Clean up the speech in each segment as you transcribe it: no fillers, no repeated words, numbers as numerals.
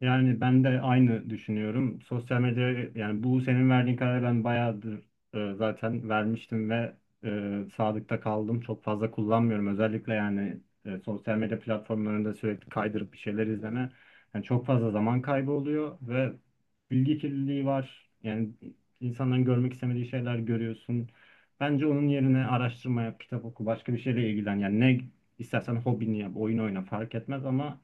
Yani ben de aynı düşünüyorum. Sosyal medya yani bu senin verdiğin kararı ben bayağıdır zaten vermiştim ve sadıkta kaldım. Çok fazla kullanmıyorum. Özellikle yani sosyal medya platformlarında sürekli kaydırıp bir şeyler izleme. Yani çok fazla zaman kaybı oluyor ve bilgi kirliliği var. Yani insanların görmek istemediği şeyler görüyorsun. Bence onun yerine araştırma yap, kitap oku, başka bir şeyle ilgilen. Yani ne istersen hobini yap, oyun oyna fark etmez ama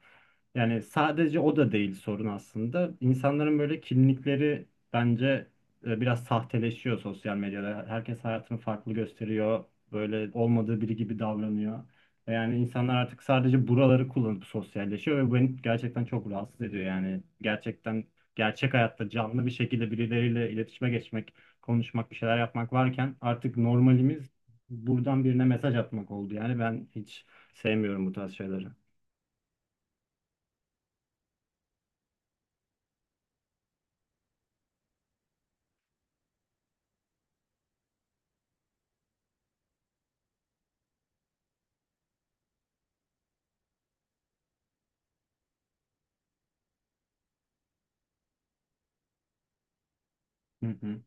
yani sadece o da değil sorun aslında. İnsanların böyle kimlikleri bence biraz sahteleşiyor sosyal medyada. Herkes hayatını farklı gösteriyor. Böyle olmadığı biri gibi davranıyor. Ve yani insanlar artık sadece buraları kullanıp sosyalleşiyor ve bu beni gerçekten çok rahatsız ediyor. Yani gerçekten gerçek hayatta canlı bir şekilde birileriyle iletişime geçmek, konuşmak, bir şeyler yapmak varken artık normalimiz buradan birine mesaj atmak oldu. Yani ben hiç sevmiyorum bu tarz şeyleri. Hı hı.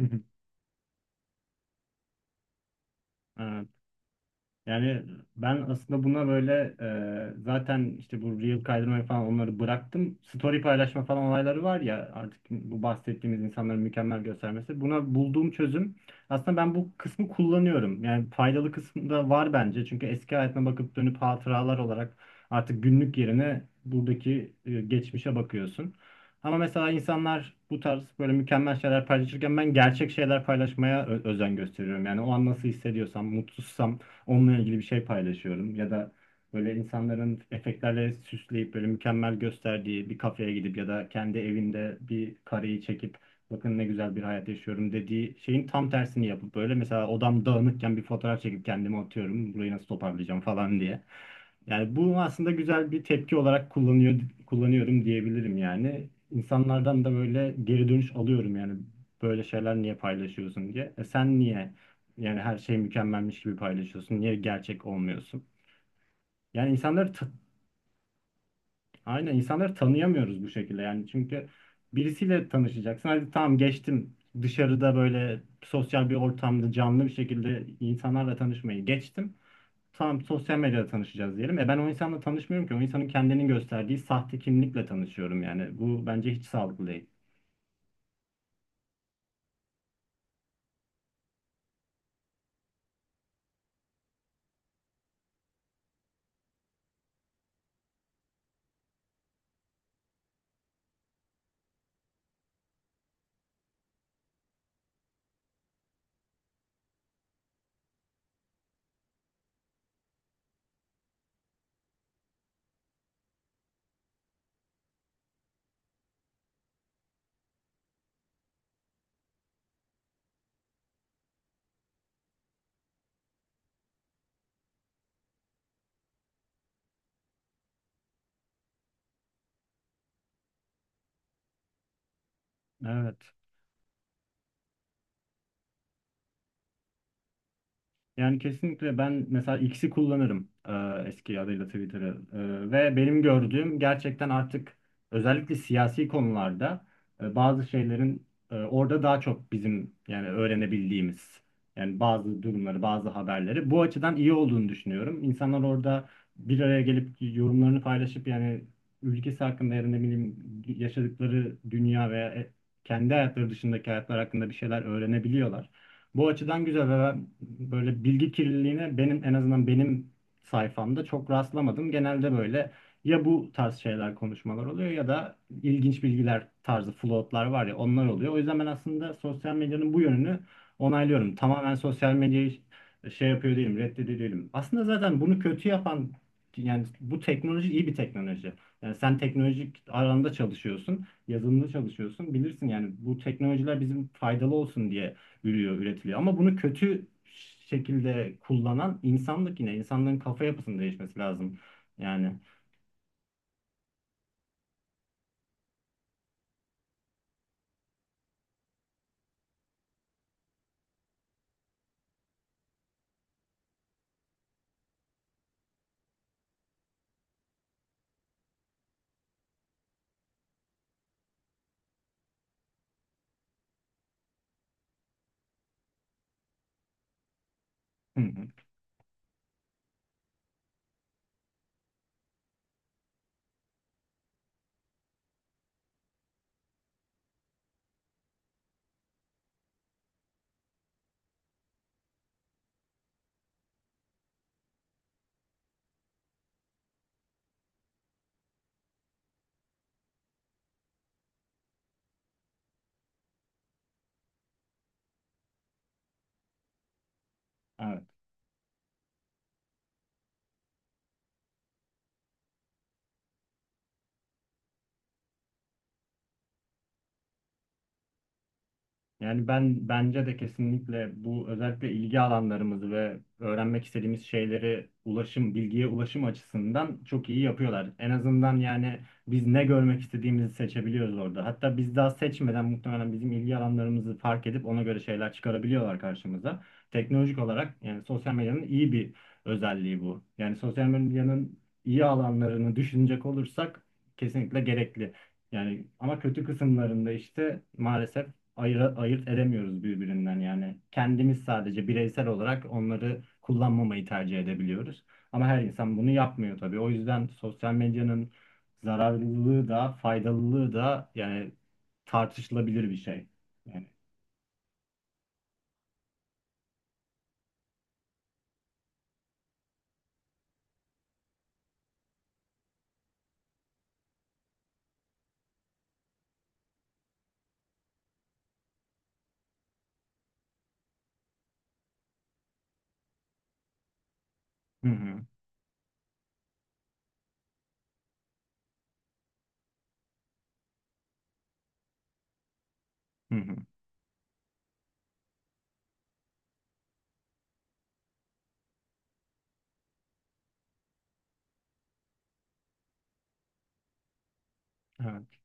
Hı hı. Evet. Yani ben aslında buna böyle zaten işte bu reel kaydırmayı falan onları bıraktım. Story paylaşma falan olayları var ya artık bu bahsettiğimiz insanların mükemmel göstermesi. Buna bulduğum çözüm aslında ben bu kısmı kullanıyorum. Yani faydalı kısmı da var bence. Çünkü eski hayatına bakıp dönüp hatıralar olarak artık günlük yerine buradaki geçmişe bakıyorsun. Ama mesela insanlar bu tarz böyle mükemmel şeyler paylaşırken ben gerçek şeyler paylaşmaya özen gösteriyorum. Yani o an nasıl hissediyorsam, mutsuzsam onunla ilgili bir şey paylaşıyorum ya da böyle insanların efektlerle süsleyip böyle mükemmel gösterdiği bir kafeye gidip ya da kendi evinde bir kareyi çekip bakın ne güzel bir hayat yaşıyorum dediği şeyin tam tersini yapıp böyle mesela odam dağınıkken bir fotoğraf çekip kendime atıyorum burayı nasıl toparlayacağım falan diye. Yani bu aslında güzel bir tepki olarak kullanıyor kullanıyorum diyebilirim yani. İnsanlardan da böyle geri dönüş alıyorum yani böyle şeyler niye paylaşıyorsun diye. E sen niye yani her şey mükemmelmiş gibi paylaşıyorsun. Niye gerçek olmuyorsun? Yani aynen insanları tanıyamıyoruz bu şekilde. Yani çünkü birisiyle tanışacaksın. Hadi tamam geçtim. Dışarıda böyle sosyal bir ortamda canlı bir şekilde insanlarla tanışmayı geçtim. Tamam sosyal medyada tanışacağız diyelim. E ben o insanla tanışmıyorum ki. O insanın kendini gösterdiği sahte kimlikle tanışıyorum yani. Bu bence hiç sağlıklı değil. Evet. Yani kesinlikle ben mesela X'i kullanırım, eski adıyla Twitter'ı. Ve benim gördüğüm gerçekten artık özellikle siyasi konularda bazı şeylerin orada daha çok bizim yani öğrenebildiğimiz yani bazı durumları bazı haberleri bu açıdan iyi olduğunu düşünüyorum. İnsanlar orada bir araya gelip yorumlarını paylaşıp yani ülkesi hakkında ya da ne bileyim yaşadıkları dünya veya kendi hayatları dışındaki hayatlar hakkında bir şeyler öğrenebiliyorlar. Bu açıdan güzel ve ben böyle bilgi kirliliğine benim en azından benim sayfamda çok rastlamadım. Genelde böyle ya bu tarz şeyler konuşmalar oluyor ya da ilginç bilgiler tarzı floatlar var ya onlar oluyor. O yüzden ben aslında sosyal medyanın bu yönünü onaylıyorum. Tamamen sosyal medyayı şey yapıyor değilim, reddediyor değilim. Aslında zaten bunu kötü yapan yani bu teknoloji iyi bir teknoloji. Yani sen teknolojik alanda çalışıyorsun, yazılımda çalışıyorsun. Bilirsin yani bu teknolojiler bizim faydalı olsun diye ürüyor, üretiliyor. Ama bunu kötü şekilde kullanan insanlık yine. İnsanların kafa yapısının değişmesi lazım. Yani. Hı hı. Yani ben bence de kesinlikle bu özellikle ilgi alanlarımızı ve öğrenmek istediğimiz şeyleri ulaşım, bilgiye ulaşım açısından çok iyi yapıyorlar. En azından yani biz ne görmek istediğimizi seçebiliyoruz orada. Hatta biz daha seçmeden muhtemelen bizim ilgi alanlarımızı fark edip ona göre şeyler çıkarabiliyorlar karşımıza. Teknolojik olarak yani sosyal medyanın iyi bir özelliği bu. Yani sosyal medyanın iyi alanlarını düşünecek olursak kesinlikle gerekli. Yani ama kötü kısımlarında işte maalesef ayırt edemiyoruz birbirinden yani. Kendimiz sadece bireysel olarak onları kullanmamayı tercih edebiliyoruz. Ama her insan bunu yapmıyor tabii. O yüzden sosyal medyanın zararlılığı da faydalılığı da yani tartışılabilir bir şey. Yani. Hı hı, hı hı. Evet.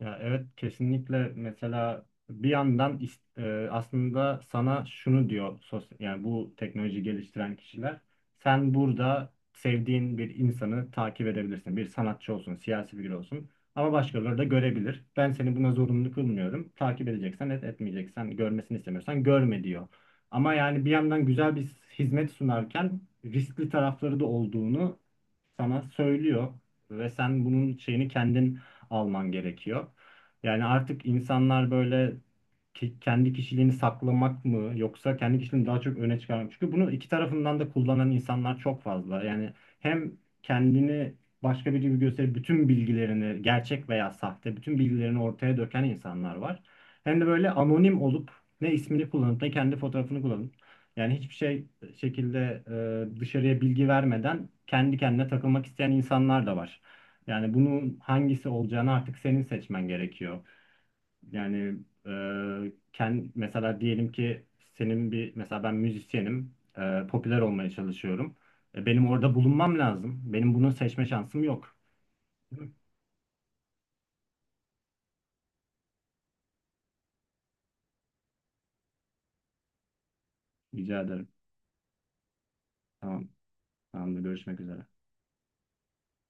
Ya evet kesinlikle mesela bir yandan aslında sana şunu diyor sos yani bu teknoloji geliştiren kişiler sen burada sevdiğin bir insanı takip edebilirsin. Bir sanatçı olsun, siyasi figür olsun ama başkaları da görebilir. Ben seni buna zorunlu kılmıyorum. Takip edeceksen et, etmeyeceksen, görmesini istemiyorsan görme diyor. Ama yani bir yandan güzel bir hizmet sunarken riskli tarafları da olduğunu sana söylüyor ve sen bunun şeyini kendin alman gerekiyor. Yani artık insanlar böyle kendi kişiliğini saklamak mı yoksa kendi kişiliğini daha çok öne çıkarmak. Çünkü bunu iki tarafından da kullanan insanlar çok fazla. Yani hem kendini başka biri gibi gösterip bütün bilgilerini gerçek veya sahte bütün bilgilerini ortaya döken insanlar var. Hem de böyle anonim olup ne ismini kullanıp ne kendi fotoğrafını kullanıp yani hiçbir şey şekilde dışarıya bilgi vermeden kendi kendine takılmak isteyen insanlar da var. Yani bunun hangisi olacağını artık senin seçmen gerekiyor. Yani e, mesela diyelim ki senin bir mesela ben müzisyenim, popüler olmaya çalışıyorum. E, benim orada bulunmam lazım. Benim bunu seçme şansım yok. Rica ederim. Tamam. Tamamdır. Görüşmek üzere.